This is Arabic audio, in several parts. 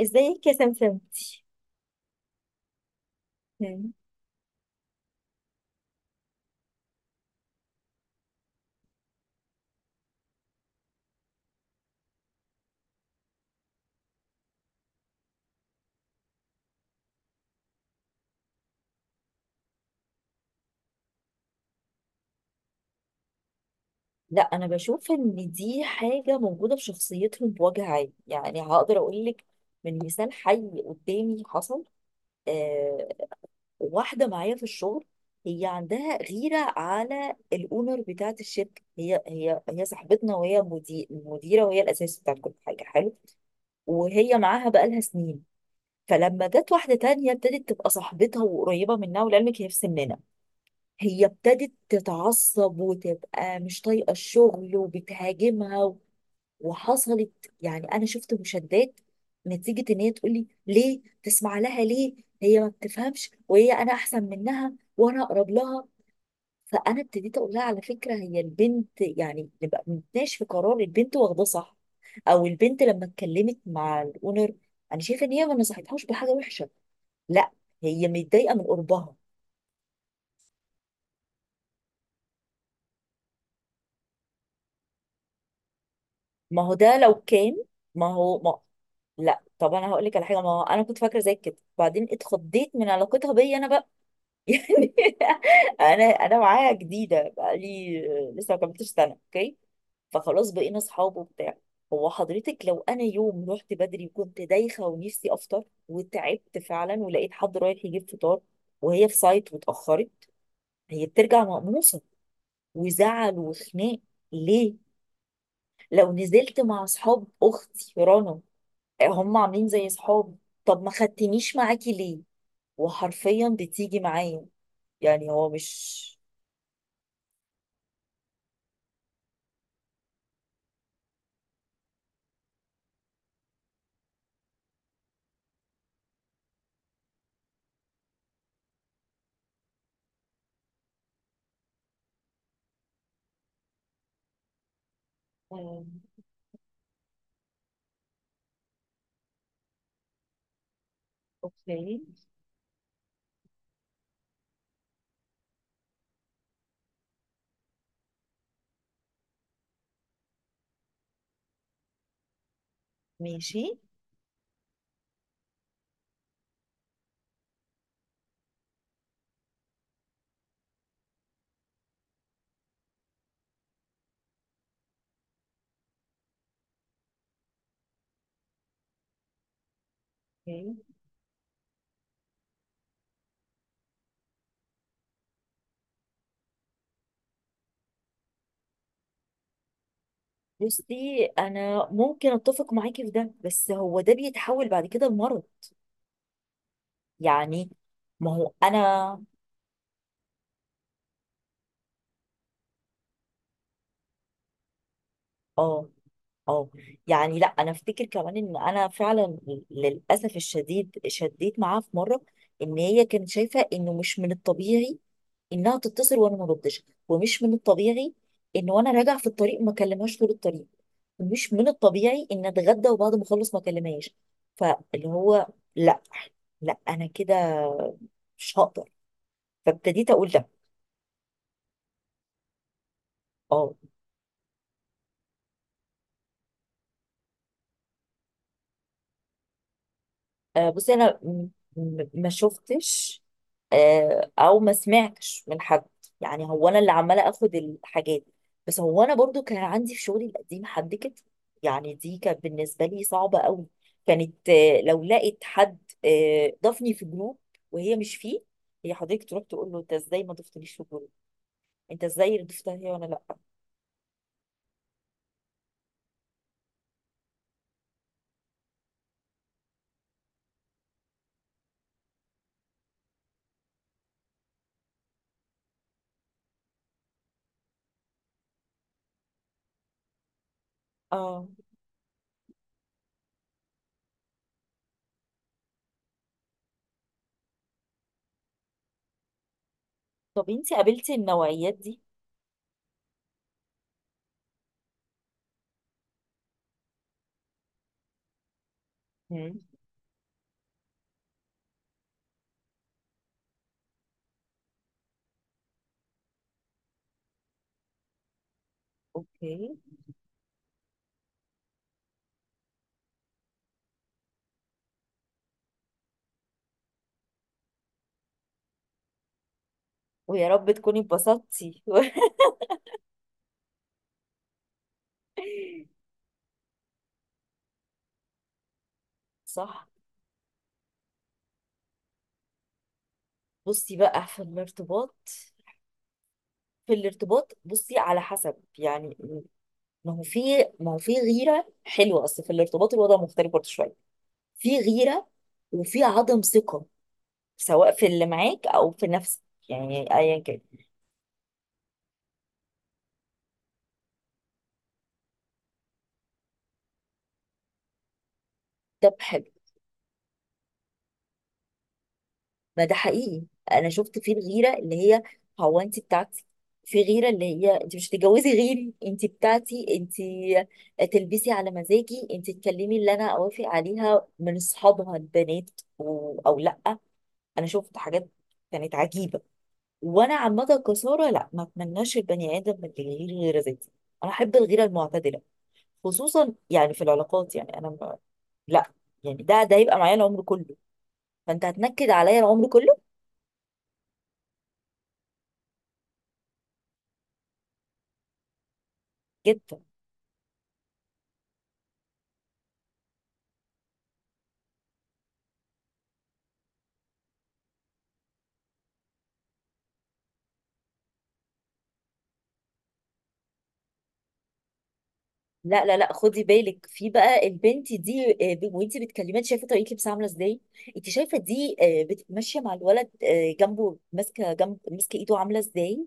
ازيك يا سمسم؟ لا، انا بشوف ان دي حاجه موجوده في شخصيتهم بوجه عام، يعني هقدر اقول لك من مثال حي قدامي حصل. آه. واحده معايا في الشغل. هي عندها غيره على الاونر بتاعه الشركه، هي صاحبتنا، وهي مديره، وهي الاساس بتاع كل حاجه حلو. وهي معاها بقالها سنين. فلما جت واحده تانية ابتدت تبقى صاحبتها وقريبه منها، ولعلمك هي في سننا. هي ابتدت تتعصب وتبقى مش طايقة الشغل وبتهاجمها وحصلت. يعني أنا شفت مشادات نتيجة إن هي تقولي ليه تسمع لها، ليه هي ما بتفهمش، وهي أنا أحسن منها وأنا أقرب لها. فأنا ابتديت أقول لها على فكرة هي البنت، يعني نبقى بنتناقش في قرار البنت واخداه صح، أو البنت لما اتكلمت مع الأونر، أنا شايفة إن هي ما نصحتهاش بحاجة وحشة. لا، هي متضايقه من قربها. ما هو ده لو كان، ما هو ما، لا طب انا هقول لك على حاجه، ما هو انا كنت فاكره زي كده، وبعدين اتخضيت من علاقتها بيا انا بقى. يعني انا معاها جديده بقى، لي لسه ما كملتش سنه، اوكي. فخلاص بقينا اصحاب وبتاع. هو حضرتك لو انا يوم رحت بدري وكنت دايخه ونفسي افطر وتعبت فعلا، ولقيت حد رايح يجيب فطار، وهي في سايت واتاخرت، هي بترجع مقموصه وزعل وخناق، ليه؟ لو نزلت مع اصحاب اختي رنا هم عاملين زي صحاب، طب ما خدتنيش معاكي ليه؟ وحرفيا بتيجي معايا. يعني هو مش. مم. اوكي. ماشي. اوكي. بصي انا ممكن اتفق معاكي في ده، بس هو ده بيتحول بعد كده لمرض. يعني. ما هو انا. اه، اه. يعني لا، انا افتكر كمان ان انا فعلا للاسف الشديد شديت معاها في مره، ان هي كانت شايفه انه مش من الطبيعي انها تتصل وانا ما ردش، ومش من الطبيعي ان وانا راجعه في الطريق ما اكلمهاش طول الطريق، ومش من الطبيعي ان اتغدى وبعد ما اخلص ما اكلمهاش، فاللي هو لا، لا انا كده مش هقدر، فابتديت اقول لا. اه. بصي انا ما شفتش. او ما سمعتش من حد. يعني هو انا اللي عماله اخد الحاجات، بس هو انا برضو كان عندي في شغلي القديم حد كده. يعني دي كانت بالنسبه لي صعبه قوي. كانت لو لقيت حد ضافني في جروب وهي مش فيه، هي حضرتك تروح تقول له انت ازاي ما ضفتنيش في جروب، انت ازاي ضفتها هي وانا لا. اه، طب انت قابلتي النوعيات دي؟ مم. اوكي. ويا رب تكوني اتبسطتي. صح. بصي بقى في الارتباط، في الارتباط بصي على حسب يعني، ما هو في، ما هو في غيرة حلوة، أصل في الارتباط الوضع مختلف برضه شوية. في غيرة وفي عدم ثقة، سواء في اللي معاك أو في نفسك، يعني أيا كان. طب حلو. ما ده حقيقي، أنا شفت في الغيرة اللي هي هو أنت بتاعتي، في غيرة اللي هي أنت مش هتتجوزي غيري، أنت بتاعتي، أنت تلبسي على مزاجي، أنت تكلمي اللي أنا أوافق عليها من أصحابها البنات، أو لأ. انا شفت حاجات كانت عجيبه. وانا عامه كساره، لا ما اتمناش البني ادم من اللي يغير غيره ذاتي. انا احب الغيره المعتدله، خصوصا يعني في العلاقات، يعني انا ما. لا، يعني ده هيبقى معايا العمر كله، فانت هتنكد عليا العمر كله. جدا. لا لا لا، خدي بالك في بقى البنت دي، وانت بتكلميها أنت شايفه طريقه لبسها عامله ازاي، انت شايفه دي ماشيه مع الولد، جنبه ماسكه ايده عامله ازاي.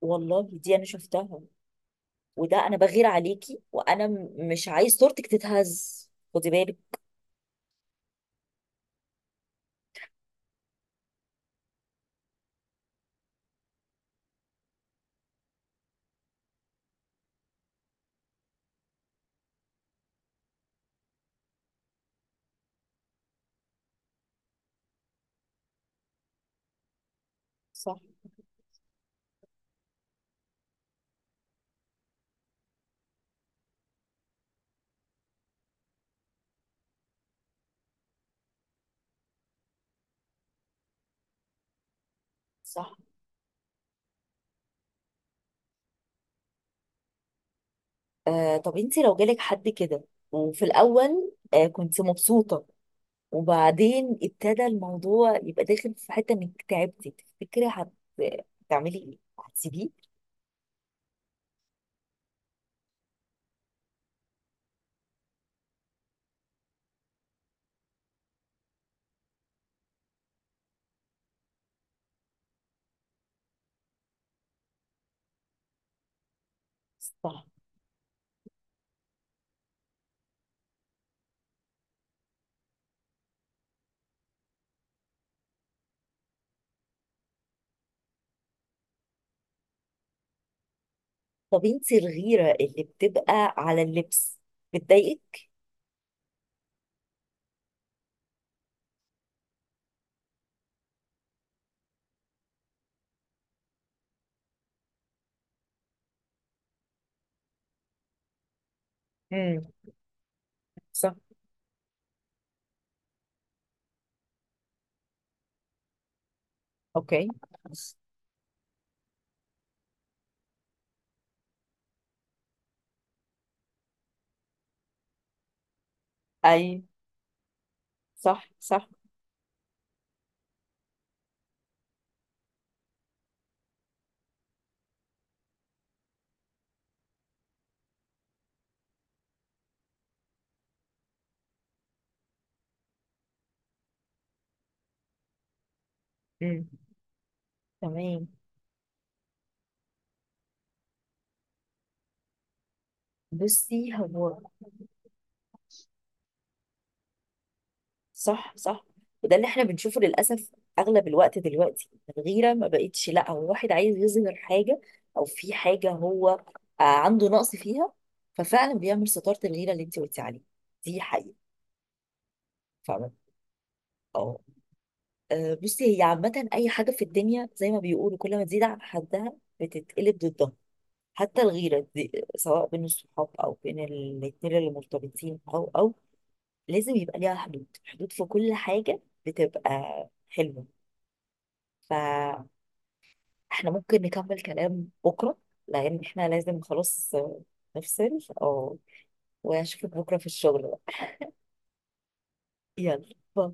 والله دي انا شفتها، وده انا بغير عليكي وانا مش عايز صورتك تتهز، خدي بالك. صح، صح. آه، طب انت لو جالك حد كده وفي الاول كنت مبسوطه، وبعدين ابتدى الموضوع يبقى داخل في حته انك تعبتي، تفتكري هتعملي ايه، هتسيبيه؟ صح. طب انت الغيره اللي بتبقى على اللبس بتضايقك؟ امم. صح. اوكي. اي. صح، صح. امم. تمام. بصي هو. صح، صح، وده اللي احنا بنشوفه للأسف أغلب الوقت دلوقتي. الغيرة ما بقتش لا هو واحد عايز يظهر حاجة أو في حاجة هو عنده نقص فيها، ففعلا بيعمل ستارة الغيرة اللي انت قلتي عليها. دي حقيقة. فعلا. اه. بصي هي عامة أي حاجة في الدنيا زي ما بيقولوا كل ما تزيد عن حدها بتتقلب ضدها، حتى الغيرة دي سواء بين الصحاب أو بين الاتنين اللي مرتبطين، أو لازم يبقى ليها حدود، حدود في كل حاجة بتبقى حلوة. ف احنا ممكن نكمل كلام بكرة، لأن احنا لازم خلاص نفصل، اه. واشوفك بكرة في الشغل بقى. يلا باي.